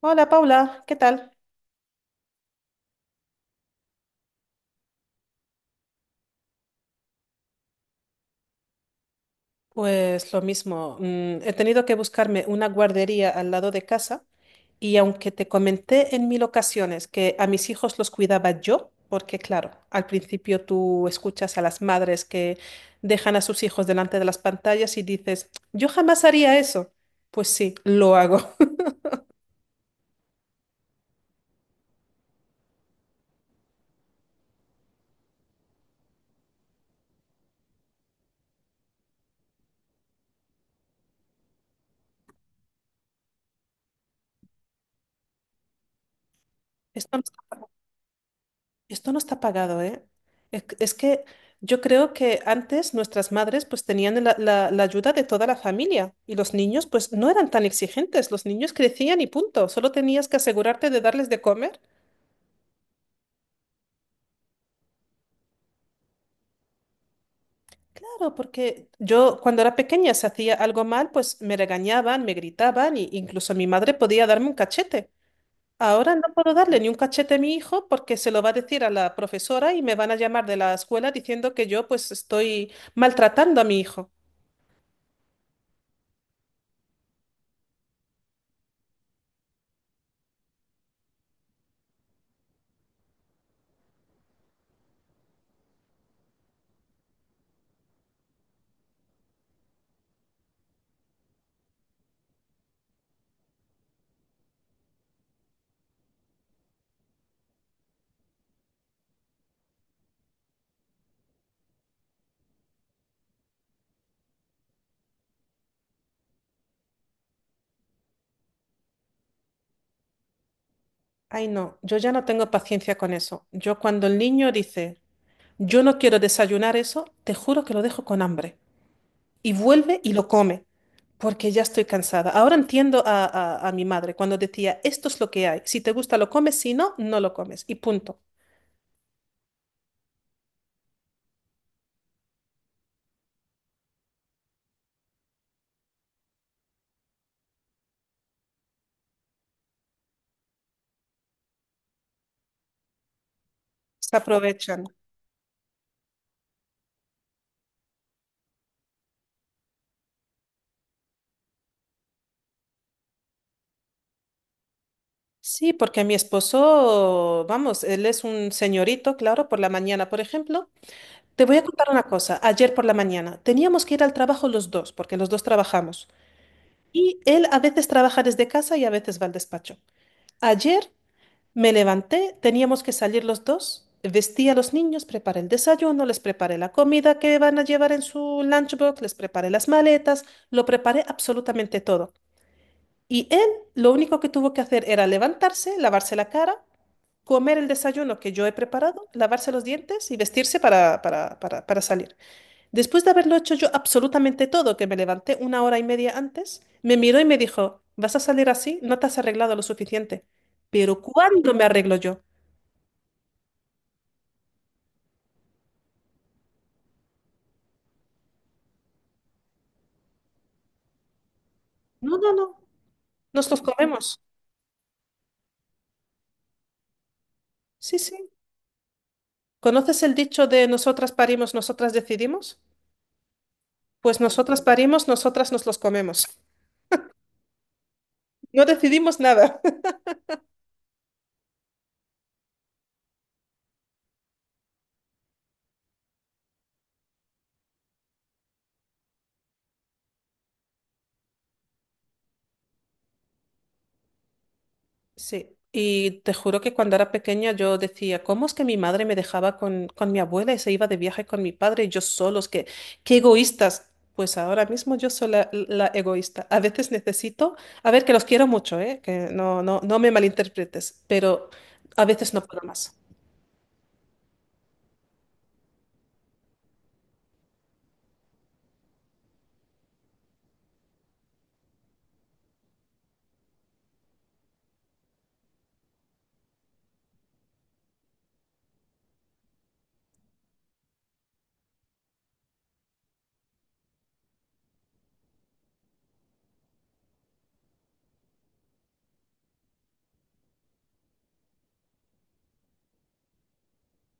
Hola Paula, ¿qué tal? Pues lo mismo, he tenido que buscarme una guardería al lado de casa y aunque te comenté en mil ocasiones que a mis hijos los cuidaba yo, porque claro, al principio tú escuchas a las madres que dejan a sus hijos delante de las pantallas y dices, yo jamás haría eso. Pues sí, lo hago. Estamos esto no está pagado, ¿eh? Es que yo creo que antes nuestras madres pues tenían la ayuda de toda la familia y los niños pues no eran tan exigentes, los niños crecían y punto, solo tenías que asegurarte de darles de comer. Claro, porque yo cuando era pequeña si hacía algo mal pues me regañaban, me gritaban e incluso mi madre podía darme un cachete. Ahora no puedo darle ni un cachete a mi hijo porque se lo va a decir a la profesora y me van a llamar de la escuela diciendo que yo pues estoy maltratando a mi hijo. Ay, no, yo ya no tengo paciencia con eso. Yo cuando el niño dice, yo no quiero desayunar eso, te juro que lo dejo con hambre. Y vuelve y lo come, porque ya estoy cansada. Ahora entiendo a mi madre cuando decía, esto es lo que hay. Si te gusta lo comes, si no, no lo comes. Y punto. Se aprovechan. Sí, porque mi esposo, vamos, él es un señorito, claro, por la mañana, por ejemplo. Te voy a contar una cosa. Ayer por la mañana teníamos que ir al trabajo los dos, porque los dos trabajamos. Y él a veces trabaja desde casa y a veces va al despacho. Ayer me levanté, teníamos que salir los dos, vestí a los niños, preparé el desayuno, les preparé la comida que van a llevar en su lunchbox, les preparé las maletas, lo preparé absolutamente todo. Y él lo único que tuvo que hacer era levantarse, lavarse la cara, comer el desayuno que yo he preparado, lavarse los dientes y vestirse para salir. Después de haberlo hecho yo absolutamente todo, que me levanté una hora y media antes, me miró y me dijo, vas a salir así, no te has arreglado lo suficiente. Pero ¿cuándo me arreglo yo? No, no, no, nos los comemos. Sí, sí. ¿Conoces el dicho de nosotras parimos, nosotras decidimos? Pues nosotras parimos, nosotras nos los comemos. No decidimos nada. Sí, y te juro que cuando era pequeña yo decía, ¿cómo es que mi madre me dejaba con mi abuela y se iba de viaje con mi padre y yo solos? ¿Qué, qué egoístas? Pues ahora mismo yo soy la egoísta. A veces necesito, a ver, que los quiero mucho, ¿eh? Que no, no, no me malinterpretes, pero a veces no puedo más.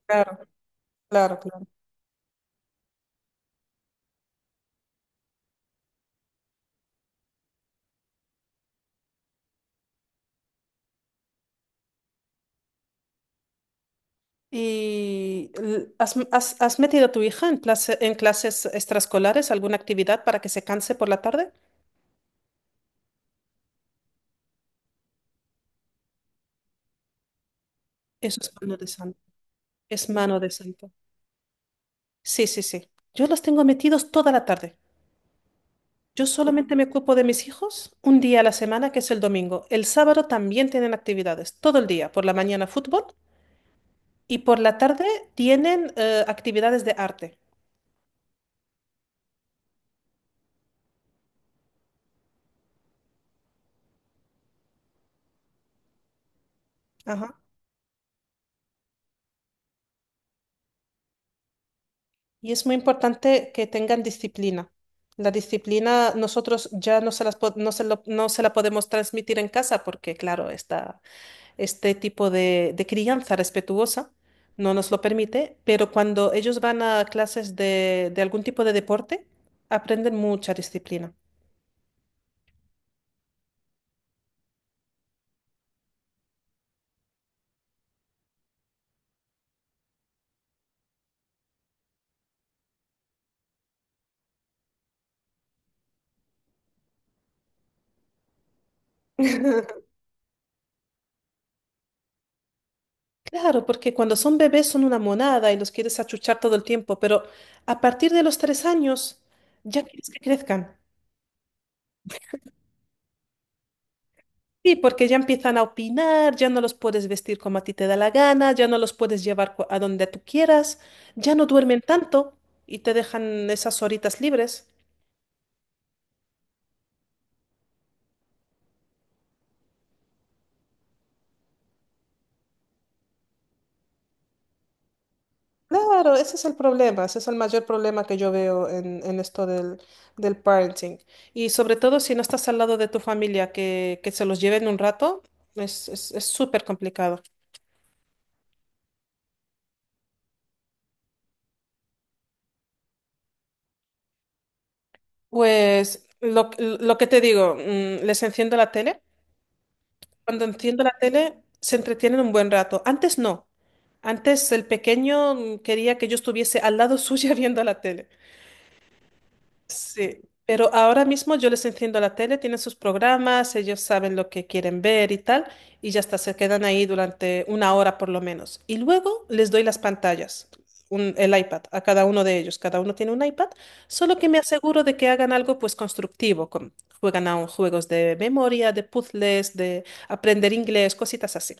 Claro, claro, claro. ¿Y has metido a tu hija en en clases extraescolares, alguna actividad para que se canse por la tarde? Eso es mano de santo. Es mano de santo. Sí, sí, sí. Yo los tengo metidos toda la tarde. Yo solamente me ocupo de mis hijos un día a la semana, que es el domingo. El sábado también tienen actividades, todo el día. Por la mañana fútbol y por la tarde tienen actividades de arte. Ajá. Y es muy importante que tengan disciplina. La disciplina nosotros ya no se las po- no se lo- no se la podemos transmitir en casa porque, claro, está este tipo de crianza respetuosa no nos lo permite, pero cuando ellos van a clases de algún tipo de deporte, aprenden mucha disciplina. Claro, porque cuando son bebés son una monada y los quieres achuchar todo el tiempo, pero a partir de los tres años ya quieres que crezcan. Sí, porque ya empiezan a opinar, ya no los puedes vestir como a ti te da la gana, ya no los puedes llevar a donde tú quieras, ya no duermen tanto y te dejan esas horitas libres. Claro, ese es el problema, ese es el mayor problema que yo veo en esto del parenting. Y sobre todo si no estás al lado de tu familia, que se los lleven un rato, es súper complicado. Pues lo que te digo, les enciendo la tele. Cuando enciendo la tele, se entretienen un buen rato. Antes no. Antes el pequeño quería que yo estuviese al lado suya viendo la tele. Sí, pero ahora mismo yo les enciendo la tele, tienen sus programas, ellos saben lo que quieren ver y tal, y ya está, se quedan ahí durante una hora por lo menos. Y luego les doy las pantallas, el iPad, a cada uno de ellos. Cada uno tiene un iPad, solo que me aseguro de que hagan algo pues constructivo, juegan a juegos de memoria, de puzzles, de aprender inglés, cositas así.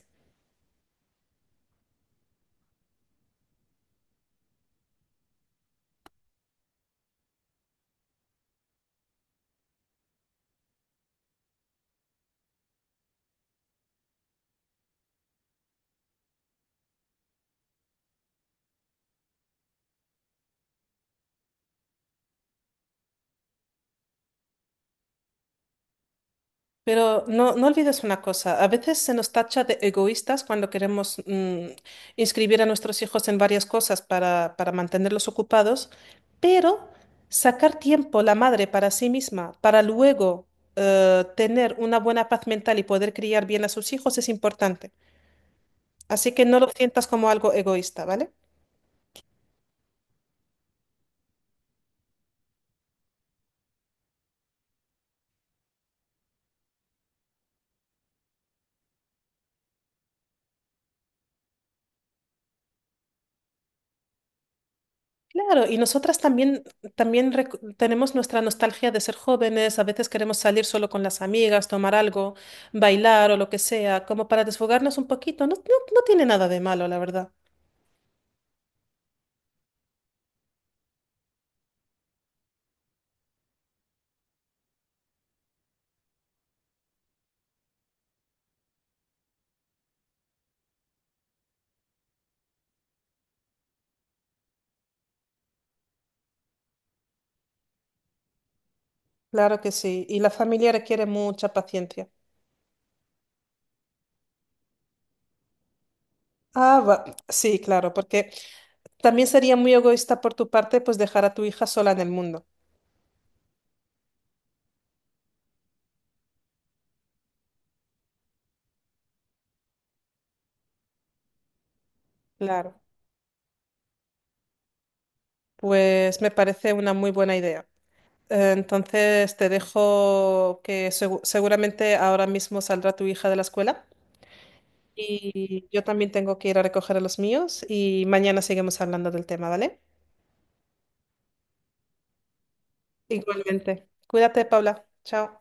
Pero no, no olvides una cosa, a veces se nos tacha de egoístas cuando queremos inscribir a nuestros hijos en varias cosas para mantenerlos ocupados, pero sacar tiempo la madre para sí misma, para luego tener una buena paz mental y poder criar bien a sus hijos es importante. Así que no lo sientas como algo egoísta, ¿vale? Claro, y nosotras también, tenemos nuestra nostalgia de ser jóvenes, a veces queremos salir solo con las amigas, tomar algo, bailar o lo que sea, como para desfogarnos un poquito. No, no, no tiene nada de malo, la verdad. Claro que sí, y la familia requiere mucha paciencia. Ah, sí, claro, porque también sería muy egoísta por tu parte, pues dejar a tu hija sola en el mundo. Claro, pues me parece una muy buena idea. Entonces te dejo que seguramente ahora mismo saldrá tu hija de la escuela. Y yo también tengo que ir a recoger a los míos y mañana seguimos hablando del tema, ¿vale? Igualmente. Cuídate, Paula. Chao.